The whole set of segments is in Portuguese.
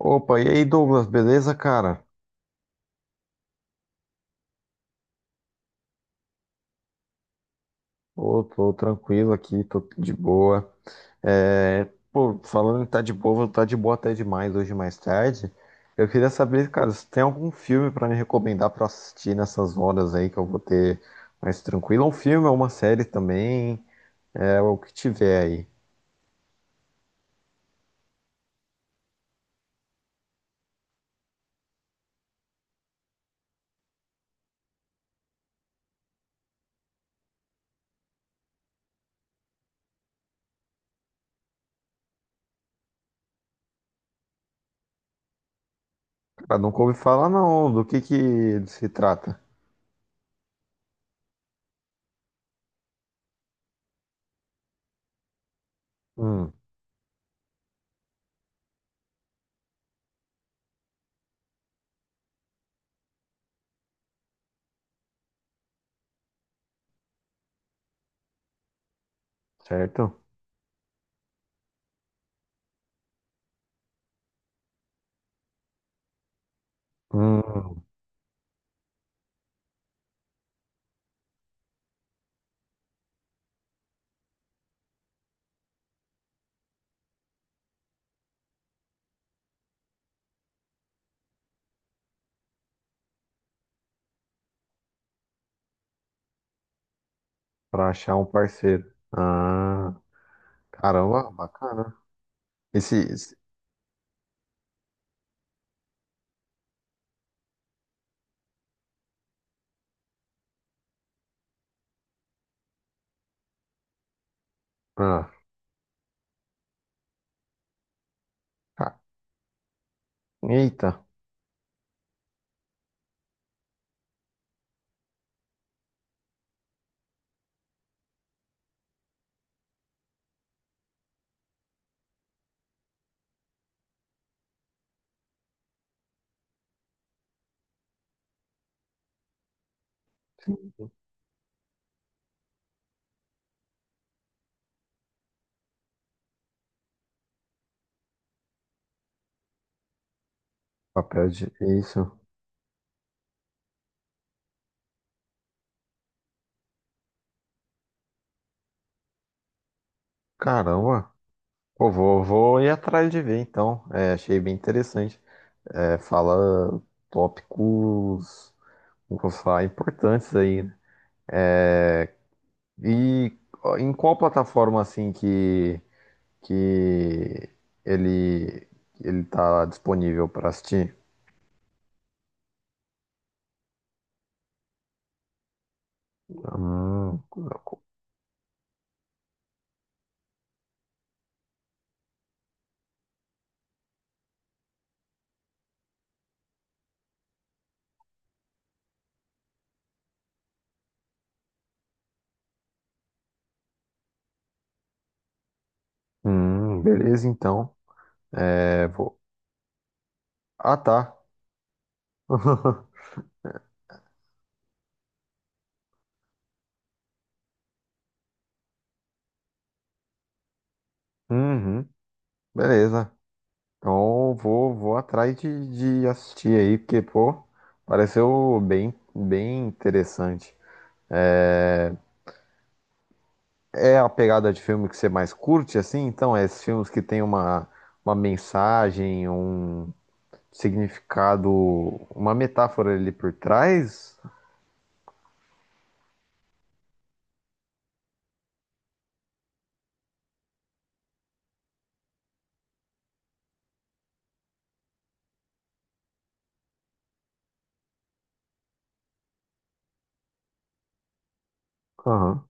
Opa, e aí, Douglas, beleza, cara? Ô, tô tranquilo aqui, tô de boa. É, pô, falando em tá de boa, vou tá de boa até demais hoje mais tarde. Eu queria saber, cara, se tem algum filme pra me recomendar pra assistir nessas horas aí que eu vou ter mais tranquilo. Um filme ou uma série também, é o que tiver aí. Cara, nunca ouvi falar não, do que se trata. Hum, certo? Hum, pra achar um parceiro. Ah, caramba, bacana. Esse, Ah, ca- eita, papel de. É isso. Caramba. Pô, vou ir atrás de ver então. É, achei bem interessante. É, fala tópicos, como que eu vou falar, importantes aí, né? É, e ó, em qual plataforma assim que ele, ele tá disponível para assistir? Hum, beleza então. É, vou... Ah, tá. Uhum, beleza. Então vou atrás de assistir aí, porque, pô, pareceu bem interessante. É, é a pegada de filme que você mais curte, assim? Então, é esses filmes que tem uma mensagem, um significado, uma metáfora ali por trás? Aham.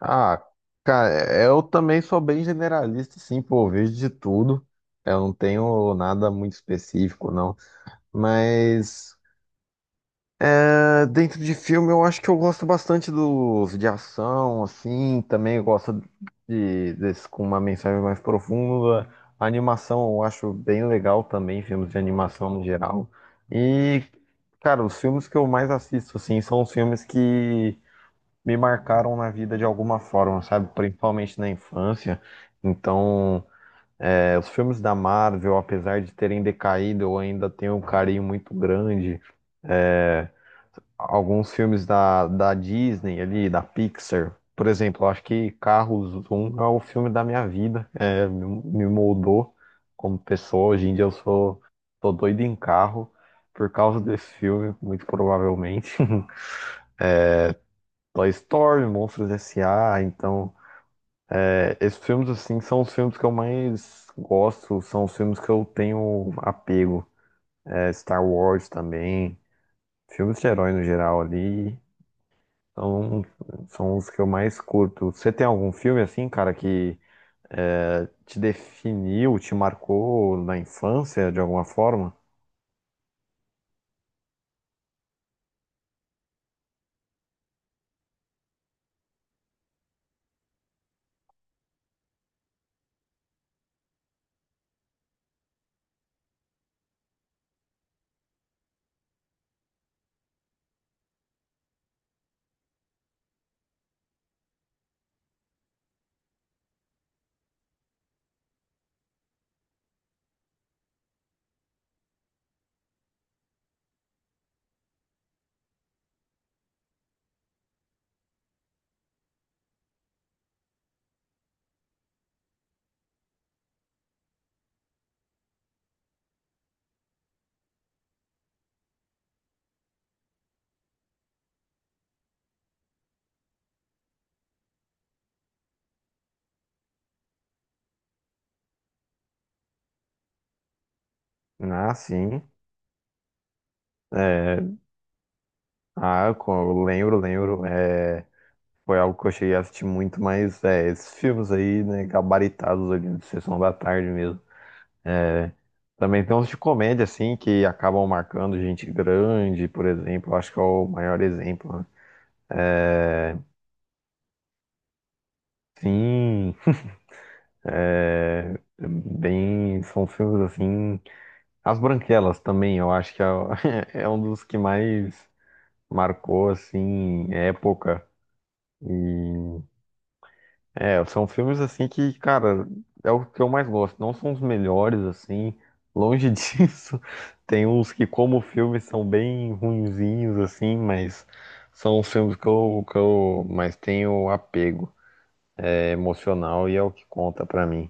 Ah, cara, eu também sou bem generalista, assim, pô, eu vejo de tudo. Eu não tenho nada muito específico, não. Mas. É, dentro de filme, eu acho que eu gosto bastante dos de ação, assim, também eu gosto de, desses com uma mensagem mais profunda. A animação eu acho bem legal também, filmes de animação no geral. E, cara, os filmes que eu mais assisto, assim, são os filmes que me marcaram na vida de alguma forma, sabe? Principalmente na infância. Então, é, os filmes da Marvel, apesar de terem decaído, eu ainda tenho um carinho muito grande. É, alguns filmes da Disney ali, da Pixar. Por exemplo, eu acho que Carros 1 é o filme da minha vida. É, me moldou como pessoa. Hoje em dia eu tô doido em carro por causa desse filme, muito provavelmente. Toy Story, Monstros S A. Então, é, esses filmes assim são os filmes que eu mais gosto, são os filmes que eu tenho apego. É, Star Wars também, filmes de herói no geral ali. Então, são os que eu mais curto. Você tem algum filme assim, cara, que é, te definiu, te marcou na infância de alguma forma? Ah, sim. É, ah, eu lembro. É, foi algo que eu cheguei a assistir muito, mas é, esses filmes aí, né, gabaritados ali de Sessão da Tarde mesmo. É, também tem uns de comédia, assim, que acabam marcando gente grande, por exemplo. Eu acho que é o maior exemplo, né? É, sim. É, bem, são filmes assim. As Branquelas também, eu acho que é um dos que mais marcou assim época. E é, são filmes assim que, cara, é o que eu mais gosto. Não são os melhores assim, longe disso. Tem uns que, como filmes, são bem ruinzinhos assim, mas são os filmes que eu mais tenho apego é emocional e é o que conta pra mim.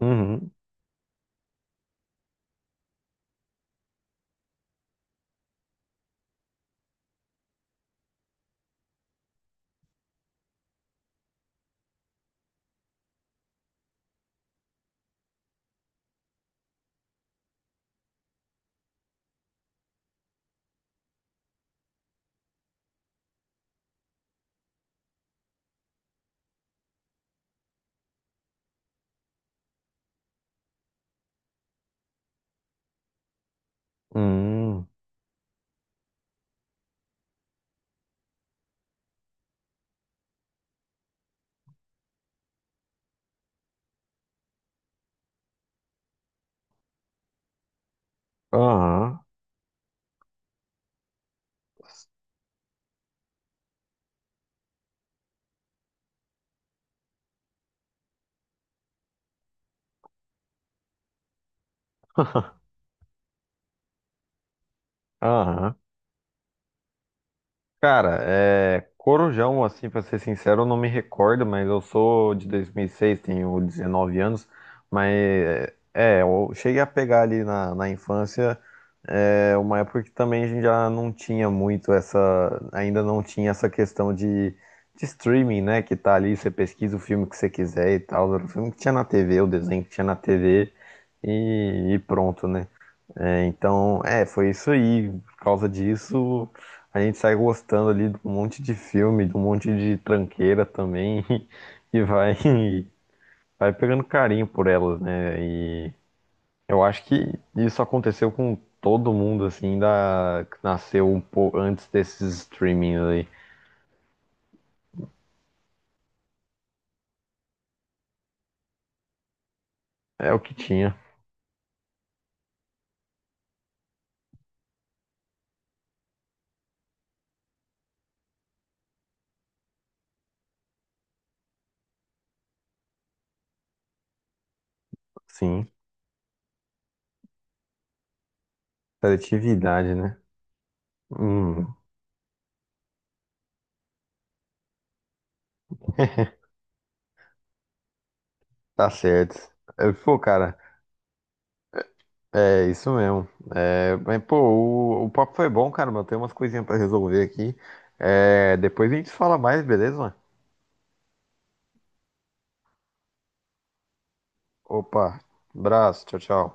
Uhum. Uhum. Aham. Aham. Cara, é, Corujão, assim, pra ser sincero, eu não me recordo, mas eu sou de 2006, tenho 19 anos, mas eu cheguei a pegar ali na infância é, uma época que também a gente já não tinha muito essa, ainda não tinha essa questão de streaming, né, que tá ali, você pesquisa o filme que você quiser e tal, era o filme que tinha na TV, o desenho que tinha na TV e pronto, né? É, então, é, foi isso aí. Por causa disso, a gente sai gostando ali de um monte de filme, de um monte de tranqueira também, e vai pegando carinho por elas, né? E eu acho que isso aconteceu com todo mundo, assim, da, que nasceu um pouco antes desses streamings aí. É o que tinha, sim. Seletividade, né? Hum, tá certo. Pô, cara, é isso mesmo. É, mas, pô, o papo foi bom, cara, mas eu tenho umas coisinhas pra resolver aqui. É, depois a gente fala mais, beleza? Opa, abraço, tchau, tchau.